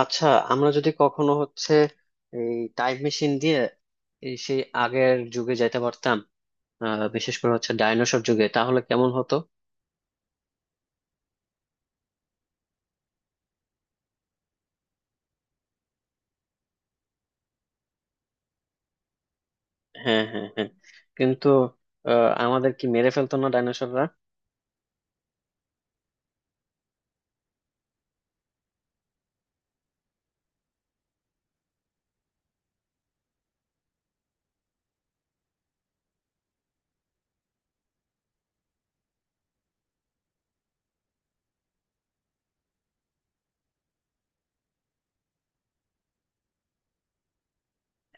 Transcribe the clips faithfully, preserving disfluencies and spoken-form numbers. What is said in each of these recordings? আচ্ছা, আমরা যদি কখনো হচ্ছে এই টাইম মেশিন দিয়ে এই সেই আগের যুগে যাইতে পারতাম, আহ, বিশেষ করে হচ্ছে ডাইনোসর যুগে তাহলে কেমন হতো। হ্যাঁ হ্যাঁ হ্যাঁ। কিন্তু আহ, আমাদের কি মেরে ফেলতো না ডাইনোসররা?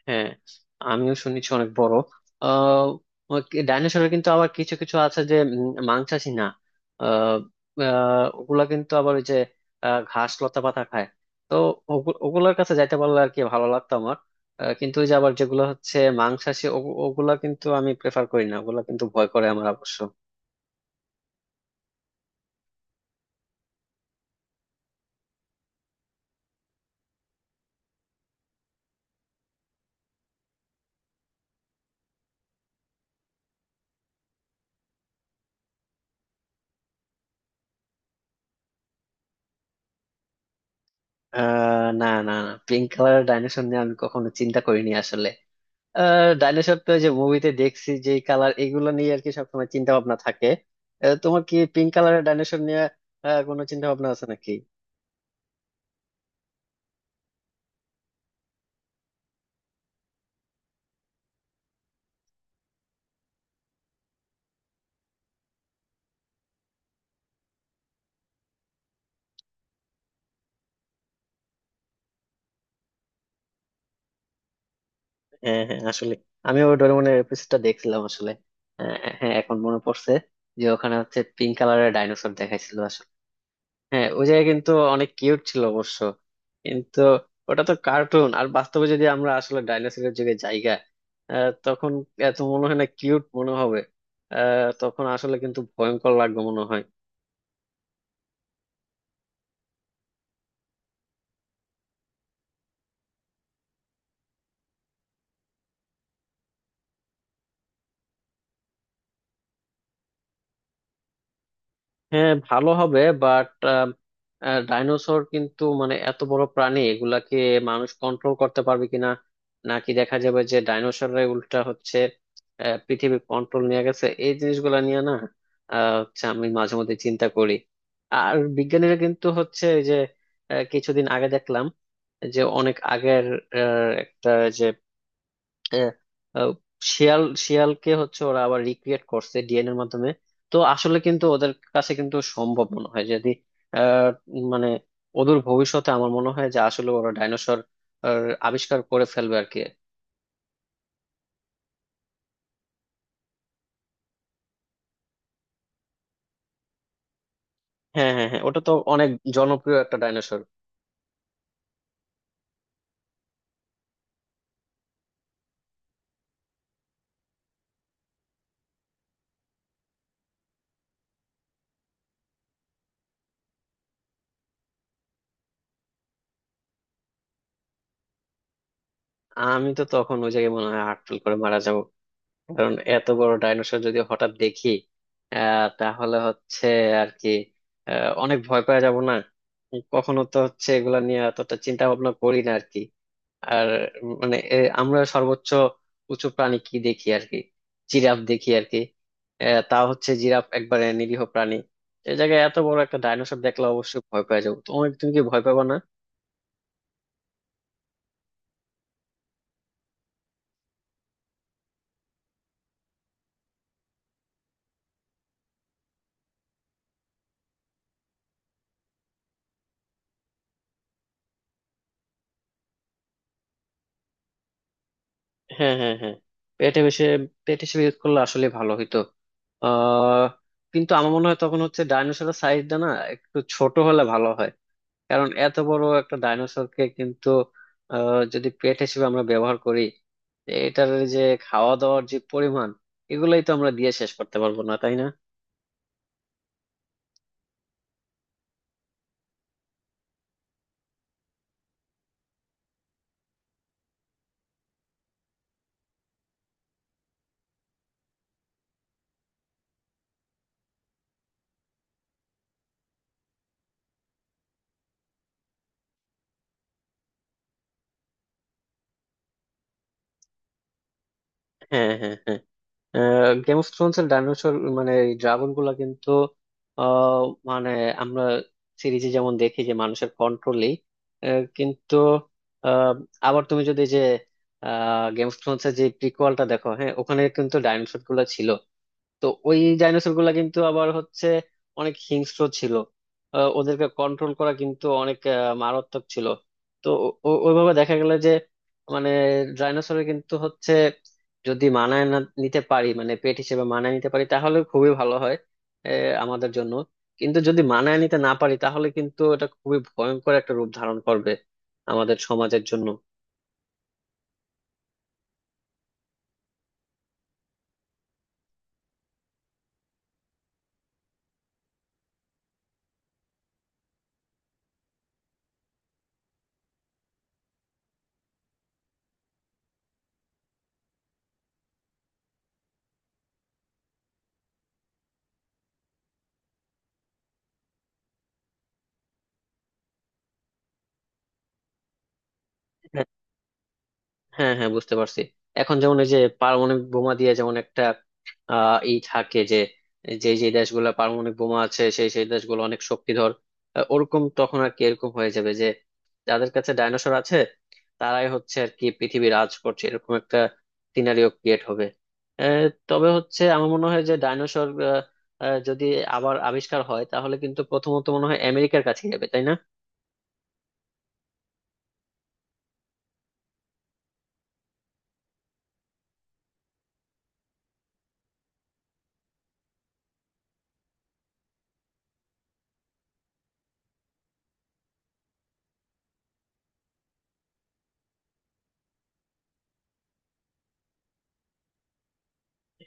হ্যাঁ, আমিও শুনেছি অনেক বড়। আহ ডাইনোসরের কিন্তু আবার কিছু কিছু আছে যে উম, মাংসাশী না। আহ, আহ, ওগুলা কিন্তু আবার ওই যে আহ, ঘাস লতা পাতা খায়। তো ওগু- ওগুলার কাছে যাইতে পারলে আর কি ভালো লাগতো আমার। আহ, কিন্তু ওই যে আবার যেগুলো হচ্ছে মাংসাশী, ওগু- ওগুলা কিন্তু আমি প্রেফার করি না, ওগুলা কিন্তু ভয় করে আমার অবশ্য। আহ না না না, পিঙ্ক কালারের ডাইনোসর নিয়ে আমি কখনো চিন্তা করিনি আসলে। ডাইনোসর তো ওই যে মুভিতে দেখছি, যে কালার এগুলো নিয়ে আর কি সবসময় চিন্তা ভাবনা থাকে। আহ, তোমার কি পিঙ্ক কালারের ডাইনোসর নিয়ে আহ, কোনো চিন্তা ভাবনা আছে নাকি? হ্যাঁ হ্যাঁ, আসলে আমি ওই ডোরেমনের এপিসোডটা দেখছিলাম আসলে। আহ, হ্যাঁ, এখন মনে পড়ছে যে ওখানে হচ্ছে পিঙ্ক কালারের ডাইনোসর দেখাইছিল আসলে। হ্যাঁ, ওই জায়গায় কিন্তু অনেক কিউট ছিল অবশ্য। কিন্তু ওটা তো কার্টুন, আর বাস্তবে যদি আমরা আসলে ডাইনোসরের যুগে জায়গা, আহ, তখন এত মনে হয় না কিউট মনে হবে। আহ, তখন আসলে কিন্তু ভয়ঙ্কর লাগবে মনে হয়। হ্যাঁ ভালো হবে, বাট ডাইনোসর কিন্তু মানে এত বড় প্রাণী, এগুলাকে মানুষ কন্ট্রোল করতে পারবে কিনা, নাকি দেখা যাবে যে ডাইনোসররা উল্টা হচ্ছে আহ, পৃথিবীর কন্ট্রোল নিয়ে গেছে, এই জিনিসগুলো নিয়ে না আহ, হচ্ছে আমি মাঝে মধ্যে চিন্তা করি। আর বিজ্ঞানীরা কিন্তু হচ্ছে এই যে আহ, কিছুদিন আগে দেখলাম যে অনেক আগের আহ, একটা, যে আহ, আহ, শিয়াল শিয়ালকে হচ্ছে ওরা আবার রিক্রিয়েট করছে ডিএনএর মাধ্যমে। তো আসলে কিন্তু ওদের কাছে কিন্তু সম্ভব মনে হয় যদি আহ, মানে ওদের ভবিষ্যতে, আমার মনে হয় যে আসলে ওরা ডাইনোসর আবিষ্কার করে ফেলবে আর কি। হ্যাঁ হ্যাঁ হ্যাঁ, ওটা তো অনেক জনপ্রিয় একটা ডাইনোসর। আমি তো তখন ওই জায়গায় মনে হয় হার্টফেল করে মারা যাবো, কারণ এত বড় ডাইনোসর যদি হঠাৎ দেখি আহ তাহলে হচ্ছে আর কি আহ, অনেক ভয় পাওয়া যাব না। কখনো তো হচ্ছে এগুলা নিয়ে এতটা চিন্তা ভাবনা করি না আর কি। আর মানে এ, আমরা সর্বোচ্চ উঁচু প্রাণী কি দেখি আর কি, জিরাফ দেখি আর কি। আহ, তা হচ্ছে জিরাফ একবারে নিরীহ প্রাণী। এই জায়গায় এত বড় একটা ডাইনোসর দেখলে অবশ্যই ভয় পাওয়া যাবো। তুমি তুমি কি ভয় পাবা না? হ্যাঁ হ্যাঁ হ্যাঁ, পেট হিসেবে, পেট হিসেবে ইউজ করলে আসলে ভালো হইতো। আহ কিন্তু আমার মনে হয় তখন হচ্ছে ডাইনোসরের সাইজটা না একটু ছোট হলে ভালো হয়। কারণ এত বড় একটা ডাইনোসরকে কিন্তু আহ, যদি পেট হিসেবে আমরা ব্যবহার করি, এটার যে খাওয়া দাওয়ার যে পরিমাণ, এগুলাই তো আমরা দিয়ে শেষ করতে পারবো না, তাই না? হ্যাঁ হ্যাঁ হ্যাঁ, গেম অফ থ্রোনস এর ডাইনোসর মানে ড্রাগন গুলা কিন্তু আহ, মানে আমরা সিরিজে যেমন দেখি যে মানুষের কন্ট্রোলে, কিন্তু আহ, আবার তুমি যদি যে গেম অফ থ্রোনস এর যে প্রিকোয়ালটা দেখো, হ্যাঁ ওখানে কিন্তু ডাইনোসর গুলা ছিল। তো ওই ডাইনোসর গুলা কিন্তু আবার হচ্ছে অনেক হিংস্র ছিল। আহ, ওদেরকে কন্ট্রোল করা কিন্তু অনেক আহ, মারাত্মক ছিল। তো ও- ও- ওইভাবে দেখা গেল যে মানে ডাইনোসরের কিন্তু হচ্ছে যদি মানায় না নিতে পারি, মানে পেট হিসেবে মানায় নিতে পারি তাহলে খুবই ভালো হয় আহ, আমাদের জন্য। কিন্তু যদি মানায় নিতে না পারি তাহলে কিন্তু এটা খুবই ভয়ঙ্কর একটা রূপ ধারণ করবে আমাদের সমাজের জন্য। হ্যাঁ হ্যাঁ, বুঝতে পারছি। এখন যেমন এই যে পারমাণবিক বোমা দিয়ে যেমন একটা আহ ই থাকে যে, যে যে দেশগুলো পারমাণবিক বোমা আছে সেই সেই দেশগুলো অনেক শক্তিধর। আহ, ওরকম তখন আর কি এরকম হয়ে যাবে যে যাদের কাছে ডাইনোসর আছে তারাই হচ্ছে আর কি পৃথিবী রাজ করছে এরকম একটা সিনারিও ক্রিয়েট হবে। আহ, তবে হচ্ছে আমার মনে হয় যে ডাইনোসর যদি আবার আবিষ্কার হয় তাহলে কিন্তু প্রথমত মনে হয় আমেরিকার কাছে যাবে, তাই না?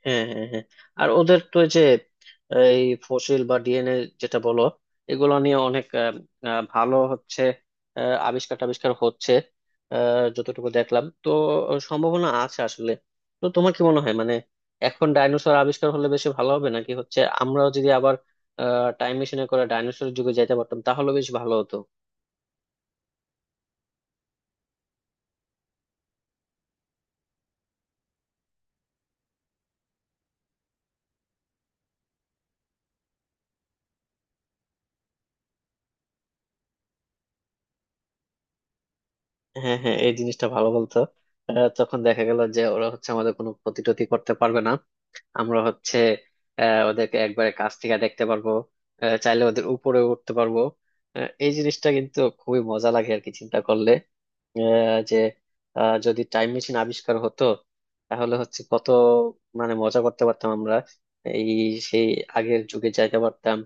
হ্যাঁ হ্যাঁ হ্যাঁ হ্যাঁ। আর ওদের তো ওই যে এই ফসিল বা ডিএনএ, যেটা বলো, এগুলো নিয়ে অনেক আহ, আহ, ভালো হচ্ছে আহ, আবিষ্কার টাবিষ্কার হচ্ছে আহ, যতটুকু দেখলাম তো সম্ভাবনা আছে আসলে। তো তোমার কি মনে হয় মানে এখন ডাইনোসর আবিষ্কার হলে বেশি ভালো হবে, নাকি হচ্ছে আমরাও যদি আবার টাইম মেশিনে করে ডাইনোসরের যুগে যেতে পারতাম তাহলে বেশ ভালো হতো? হ্যাঁ হ্যাঁ, এই জিনিসটা ভালো বলতো। আহ, তখন দেখা গেল যে ওরা হচ্ছে আমাদের কোনো ক্ষতি টতি করতে পারবে না। আমরা হচ্ছে আহ, ওদেরকে একবারে কাছ থেকে দেখতে পারবো, আহ, চাইলে ওদের উপরে উঠতে পারবো। আহ, এই জিনিসটা কিন্তু খুবই মজা লাগে আর কি চিন্তা করলে আহ, যে আহ, যদি টাইম মেশিন আবিষ্কার হতো তাহলে হচ্ছে কত মানে মজা করতে পারতাম আমরা, এই সেই আগের যুগে যাইতে পারতাম।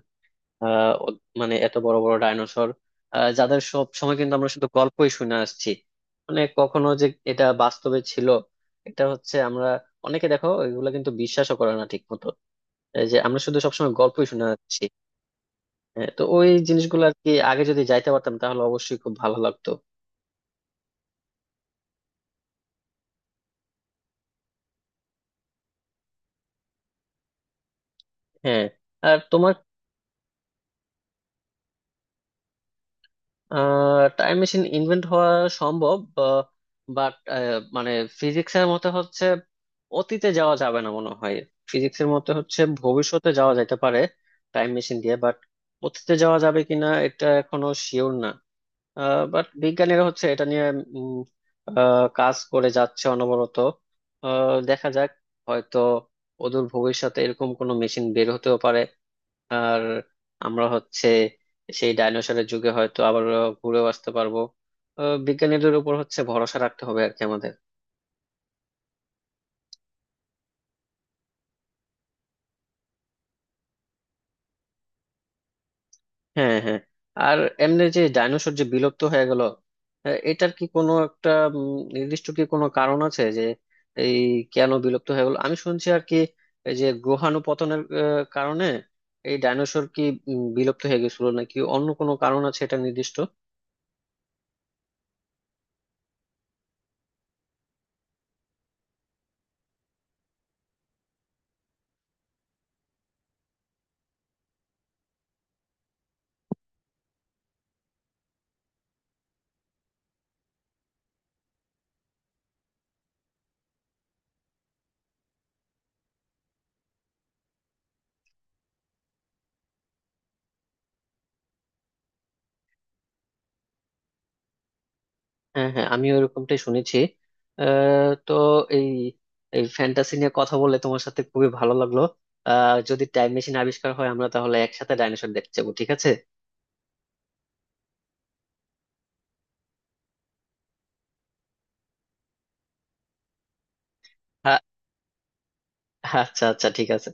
আহ ও- মানে এত বড় বড় ডাইনোসর, যাদের সব সময় কিন্তু আমরা শুধু গল্পই শুনে আসছি, মানে কখনো যে এটা বাস্তবে ছিল, এটা হচ্ছে আমরা, অনেকে দেখো এগুলো কিন্তু বিশ্বাসও করে না ঠিক মতো, এই যে আমরা শুধু সবসময় গল্পই শুনে আসছি। হ্যাঁ, তো ওই জিনিসগুলো আর কি আগে যদি যাইতে পারতাম তাহলে অবশ্যই খুব ভালো লাগতো। হ্যাঁ। আর তোমার টাইম মেশিন ইনভেন্ট হওয়া সম্ভব, বাট মানে ফিজিক্সের মতে হচ্ছে অতীতে যাওয়া যাবে না মনে হয়। ফিজিক্সের মতে হচ্ছে ভবিষ্যতে যাওয়া যেতে পারে টাইম মেশিন দিয়ে, বাট অতীতে যাওয়া যাবে কিনা এটা এখনো শিওর না। বাট বিজ্ঞানীরা হচ্ছে এটা নিয়ে উম, আহ, কাজ করে যাচ্ছে অনবরত। আহ, দেখা যাক, হয়তো অদূর ভবিষ্যতে এরকম কোনো মেশিন বের হতেও পারে। আর আমরা হচ্ছে সেই ডাইনোসরের যুগে হয়তো আবার ঘুরেও আসতে পারবো। আহ, বিজ্ঞানীদের উপর হচ্ছে ভরসা রাখতে হবে আর কি আমাদের। হ্যাঁ হ্যাঁ। আর এমনি যে ডাইনোসর যে বিলুপ্ত হয়ে গেল, আহ, এটার কি কোনো একটা উম, নির্দিষ্ট কি কোনো কারণ আছে যে এই কেন বিলুপ্ত হয়ে গেল? আমি শুনছি আর কি এই যে গ্রহাণুপতনের আহ, কারণে এই ডাইনোসর কি উম, বিলুপ্ত হয়ে গেছিল, নাকি অন্য কোনো কারণ আছে এটা নির্দিষ্ট? হ্যাঁ হ্যাঁ, আমি ওরকমটাই শুনেছি। আহ, তো এই এই ফ্যান্টাসি নিয়ে কথা বলে তোমার সাথে খুবই ভালো লাগলো। আহ, যদি টাইম মেশিন আবিষ্কার হয় আমরা তাহলে একসাথে ডাইনোসর দেখতে যাবো, ঠিক আছে? আ- আচ্ছা আচ্ছা, ঠিক আছে।